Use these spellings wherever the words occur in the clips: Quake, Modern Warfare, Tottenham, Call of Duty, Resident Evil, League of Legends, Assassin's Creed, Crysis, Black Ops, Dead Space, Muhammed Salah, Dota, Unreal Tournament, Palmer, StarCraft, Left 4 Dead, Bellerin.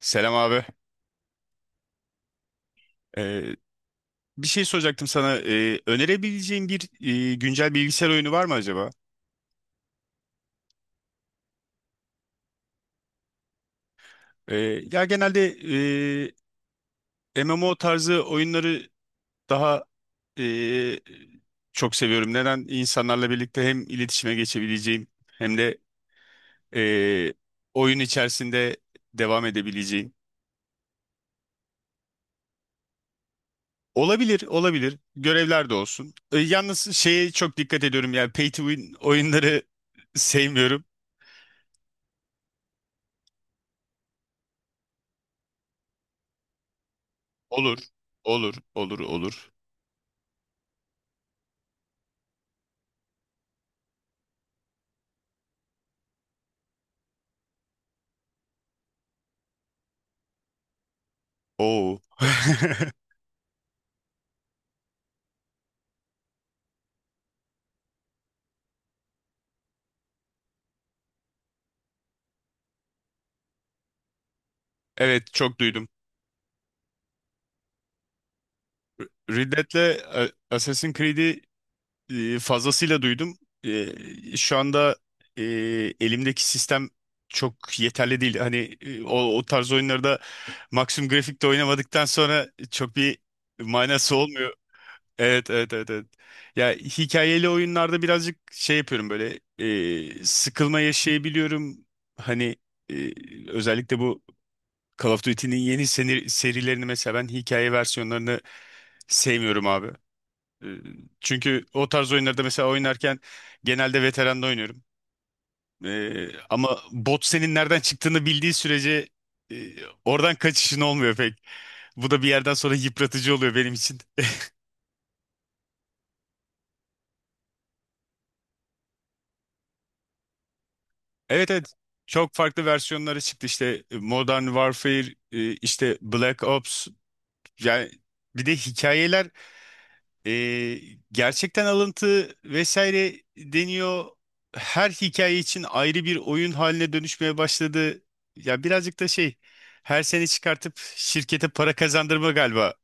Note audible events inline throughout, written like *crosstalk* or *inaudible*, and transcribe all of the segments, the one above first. Selam abi. Ee, Bir şey soracaktım sana. Önerebileceğin bir güncel bilgisayar oyunu var mı acaba? Ee, Ya genelde MMO tarzı oyunları daha e, çok seviyorum. Neden? İnsanlarla birlikte hem iletişime geçebileceğim hem de e, oyun içerisinde devam edebileceğim. Olabilir, olabilir. Görevler de olsun. Yalnız şeye çok dikkat ediyorum. Yani pay to win oyunları *laughs* sevmiyorum. Olur, olur, olur, olur. Oo. *laughs* Evet, çok duydum. Ridlet'le Assassin's Creed'i fazlasıyla duydum. Şu anda e, elimdeki sistem çok yeterli değil. Hani o tarz oyunlarda maksimum grafikte oynamadıktan sonra çok bir manası olmuyor. Evet, evet, evet, evet. Ya hikayeli oyunlarda birazcık şey yapıyorum, böyle sıkılma yaşayabiliyorum. Hani e, özellikle bu Call of Duty'nin yeni serilerini mesela ben hikaye versiyonlarını sevmiyorum abi. Ee, Çünkü o tarz oyunlarda mesela oynarken genelde veteranla oynuyorum. Ama bot senin nereden çıktığını bildiği sürece e, oradan kaçışın olmuyor pek. Bu da bir yerden sonra yıpratıcı oluyor benim için. *laughs* Evet, evet. Çok farklı versiyonları çıktı işte Modern Warfare, işte Black Ops, yani bir de hikayeler. Ee, Gerçekten alıntı vesaire deniyor. Her hikaye için ayrı bir oyun haline dönüşmeye başladı. Ya birazcık da şey, her sene çıkartıp şirkete para kazandırma galiba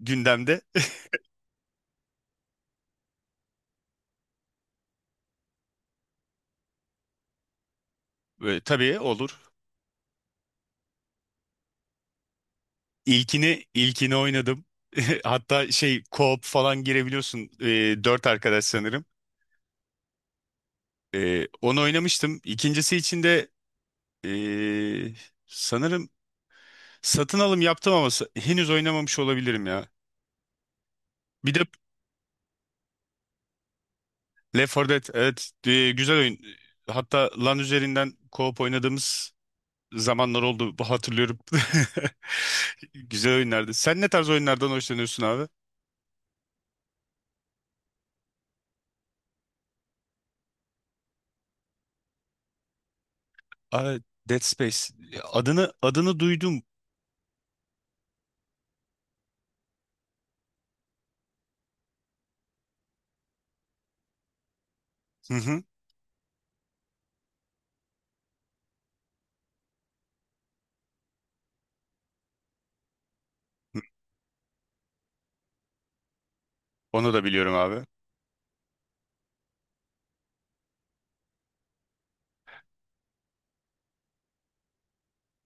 gündemde. Tabii, olur. İlkini oynadım. *laughs* Hatta şey co-op falan girebiliyorsun. Dört arkadaş sanırım. Onu oynamıştım. İkincisi için de ee, sanırım satın alım yaptım ama henüz oynamamış olabilirim ya. Bir de Left 4 Dead, evet, güzel oyun. Hatta LAN üzerinden co-op oynadığımız zamanlar oldu, bu hatırlıyorum. *laughs* Güzel oyunlardı. Sen ne tarz oyunlardan hoşlanıyorsun abi? Abi, Dead Space. Adını duydum. Hı hı. Onu da biliyorum abi.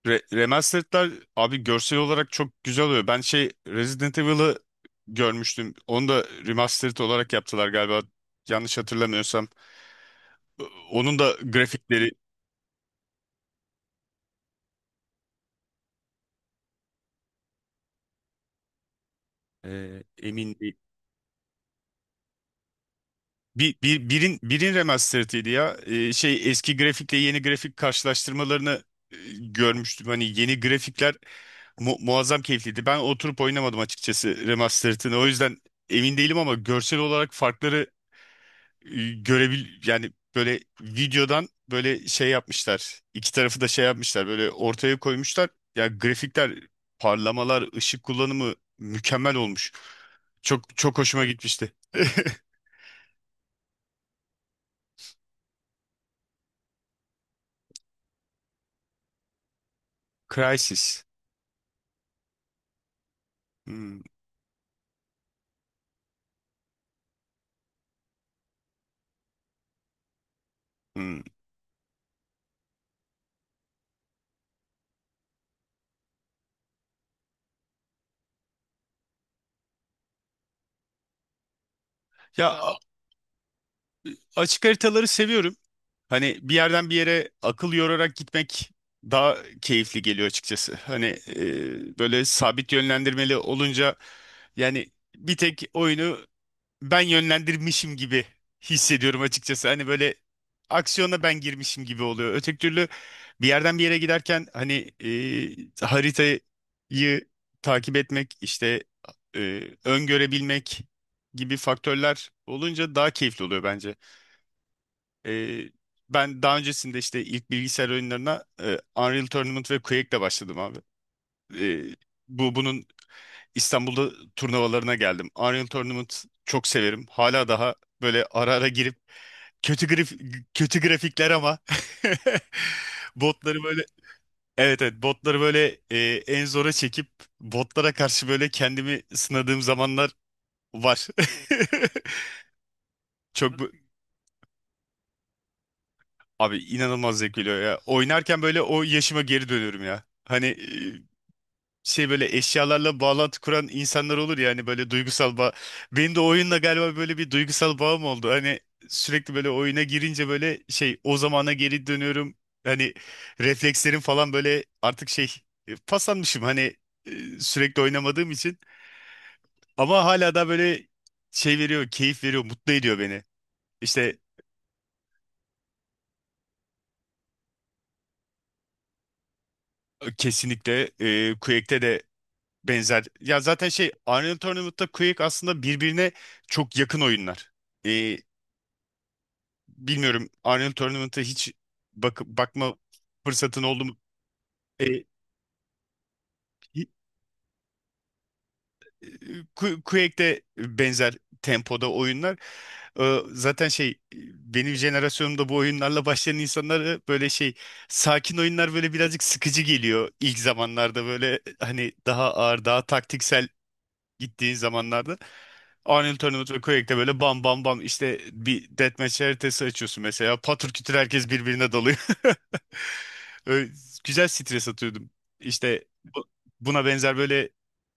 Remastered'lar abi görsel olarak çok güzel oluyor. Ben şey Resident Evil'ı görmüştüm. Onu da remastered olarak yaptılar galiba. Yanlış hatırlamıyorsam. Onun da grafikleri emin değil. Birin remastered'ıydı ya. Şey, eski grafikle yeni grafik karşılaştırmalarını görmüştüm. Hani yeni grafikler muazzam keyifliydi. Ben oturup oynamadım açıkçası remastered'ını. O yüzden emin değilim ama görsel olarak farkları görebil, yani böyle videodan böyle şey yapmışlar. İki tarafı da şey yapmışlar. Böyle ortaya koymuşlar. Ya grafikler, parlamalar, ışık kullanımı mükemmel olmuş. Çok hoşuma gitmişti. *laughs* Crysis. Hmm, hmm. Ya a- Açık haritaları seviyorum. Hani bir yerden bir yere akıl yorarak gitmek daha keyifli geliyor açıkçası. Hani böyle sabit yönlendirmeli olunca yani bir tek oyunu ben yönlendirmişim gibi hissediyorum açıkçası. Hani böyle aksiyona ben girmişim gibi oluyor. Öteki türlü bir yerden bir yere giderken hani haritayı takip etmek işte öngörebilmek gibi faktörler olunca daha keyifli oluyor bence. E, Ben daha öncesinde işte ilk bilgisayar oyunlarına Unreal Tournament ve Quake'le başladım abi. E, bu Bunun İstanbul'da turnuvalarına geldim. Arion Tournament çok severim. Hala daha böyle ara ara girip kötü grif kötü grafikler, ama *laughs* botları böyle evet, evet, botları böyle en zora çekip botlara karşı böyle kendimi sınadığım zamanlar var. *laughs* Çok bu- Abi, inanılmaz zevk veriyor ya. Oynarken böyle o yaşıma geri dönüyorum ya. Hani şey böyle eşyalarla bağlantı kuran insanlar olur ya, hani böyle duygusal bağ. Benim de oyunla galiba böyle bir duygusal bağım oldu. Hani sürekli böyle oyuna girince böyle şey o zamana geri dönüyorum. Hani reflekslerim falan böyle artık şey paslanmışım, hani sürekli oynamadığım için. Ama hala da böyle şey veriyor, keyif veriyor, mutlu ediyor beni. İşte kesinlikle Quake'te de benzer. Ya zaten şey Unreal Tournament'ta Quake aslında birbirine çok yakın oyunlar. E, Bilmiyorum, Arnold Tournament'a hiç bakma fırsatın oldu mu? E, hi- Quake'de benzer tempoda oyunlar. Zaten şey benim jenerasyonumda bu oyunlarla başlayan insanlara böyle şey sakin oyunlar böyle birazcık sıkıcı geliyor ilk zamanlarda, böyle hani daha ağır daha taktiksel gittiğin zamanlarda. Arnold Tournament ve Quake'de böyle bam bam bam, işte bir deathmatch haritası açıyorsun mesela. Patır kütür herkes birbirine dalıyor. *laughs* Öyle güzel stres atıyordum. İşte bu- buna benzer böyle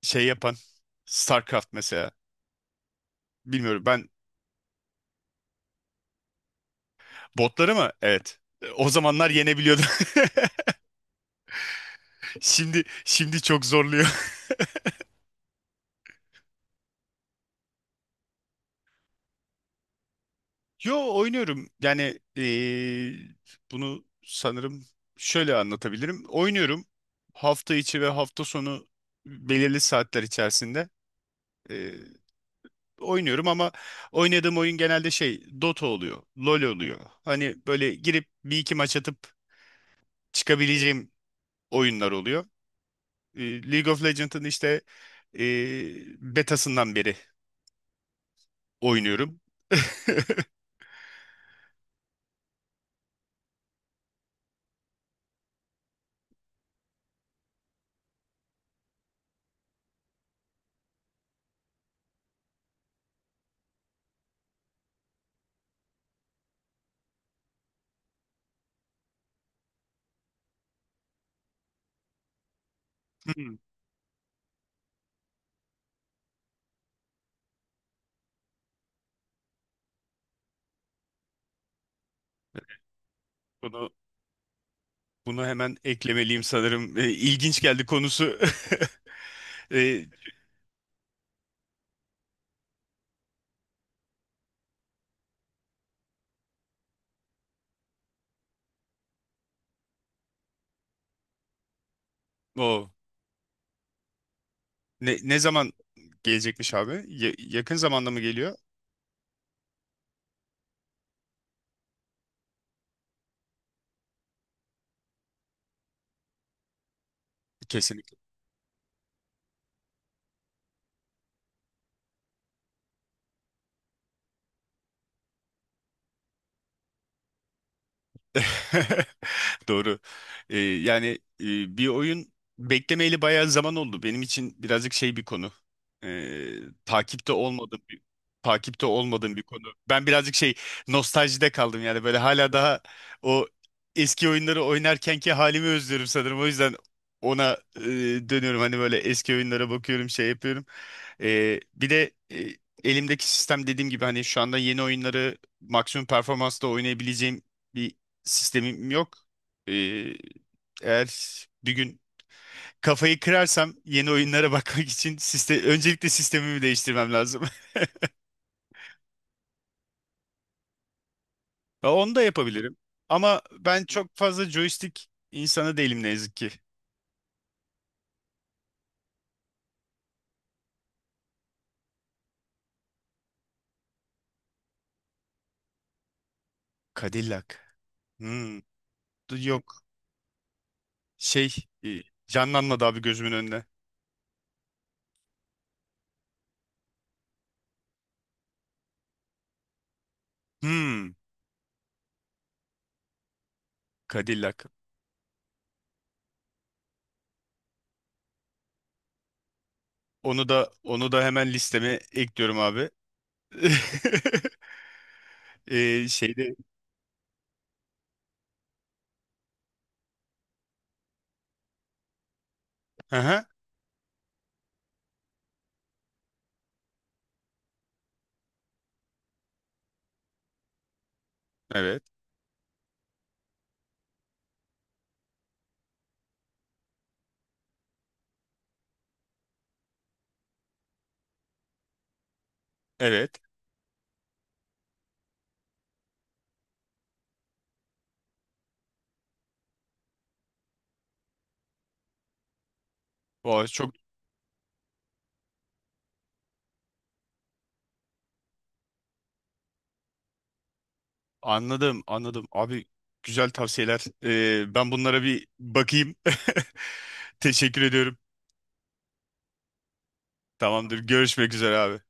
şey yapan StarCraft mesela. Bilmiyorum. Ben botları mı? Evet. O zamanlar yenebiliyordum. *laughs* Şimdi çok zorluyor. *laughs* Yo, oynuyorum. Yani bunu sanırım şöyle anlatabilirim. Oynuyorum, hafta içi ve hafta sonu belirli saatler içerisinde oynuyorum, ama oynadığım oyun genelde şey Dota oluyor, LoL oluyor. Hani böyle girip bir iki maç atıp çıkabileceğim oyunlar oluyor. League of Legends'ın işte e, betasından beri oynuyorum. *laughs* Hmm. Bunu bunu hemen eklemeliyim sanırım. İlginç geldi konusu. *laughs* E, o ne zaman gelecekmiş abi? Yakın zamanda mı geliyor? Kesin. *laughs* Doğru. Yani e, bir oyun beklemeyeli bayağı zaman oldu. Benim için birazcık şey bir konu. Ee, takipte olmadığım bir Takipte olmadığım bir konu. Ben birazcık şey nostaljide kaldım, yani böyle hala daha o eski oyunları oynarkenki halimi özlüyorum sanırım. O yüzden ona dönüyorum, hani böyle eski oyunlara bakıyorum şey yapıyorum. Bir de elimdeki sistem dediğim gibi, hani şu anda yeni oyunları maksimum performansla oynayabileceğim bir sistemim yok. Ee, Eğer bir gün kafayı kırarsam yeni oyunlara *laughs* bakmak için öncelikle sistemimi değiştirmem lazım. *laughs* Ya, onu da yapabilirim. Ama ben çok fazla joystick insanı değilim ne yazık ki. Cadillac. Hmm. Dur, yok. Şey e, canlanmadı abi gözümün önüne. Hmm. Cadillac. Onu da hemen listeme ekliyorum abi. *laughs* Şeyde. Aha. Evet. Evet. Vay, çok. Anladım, anladım. Abi, güzel tavsiyeler. Ben bunlara bir bakayım. *laughs* Teşekkür ediyorum. Tamamdır. Görüşmek üzere abi.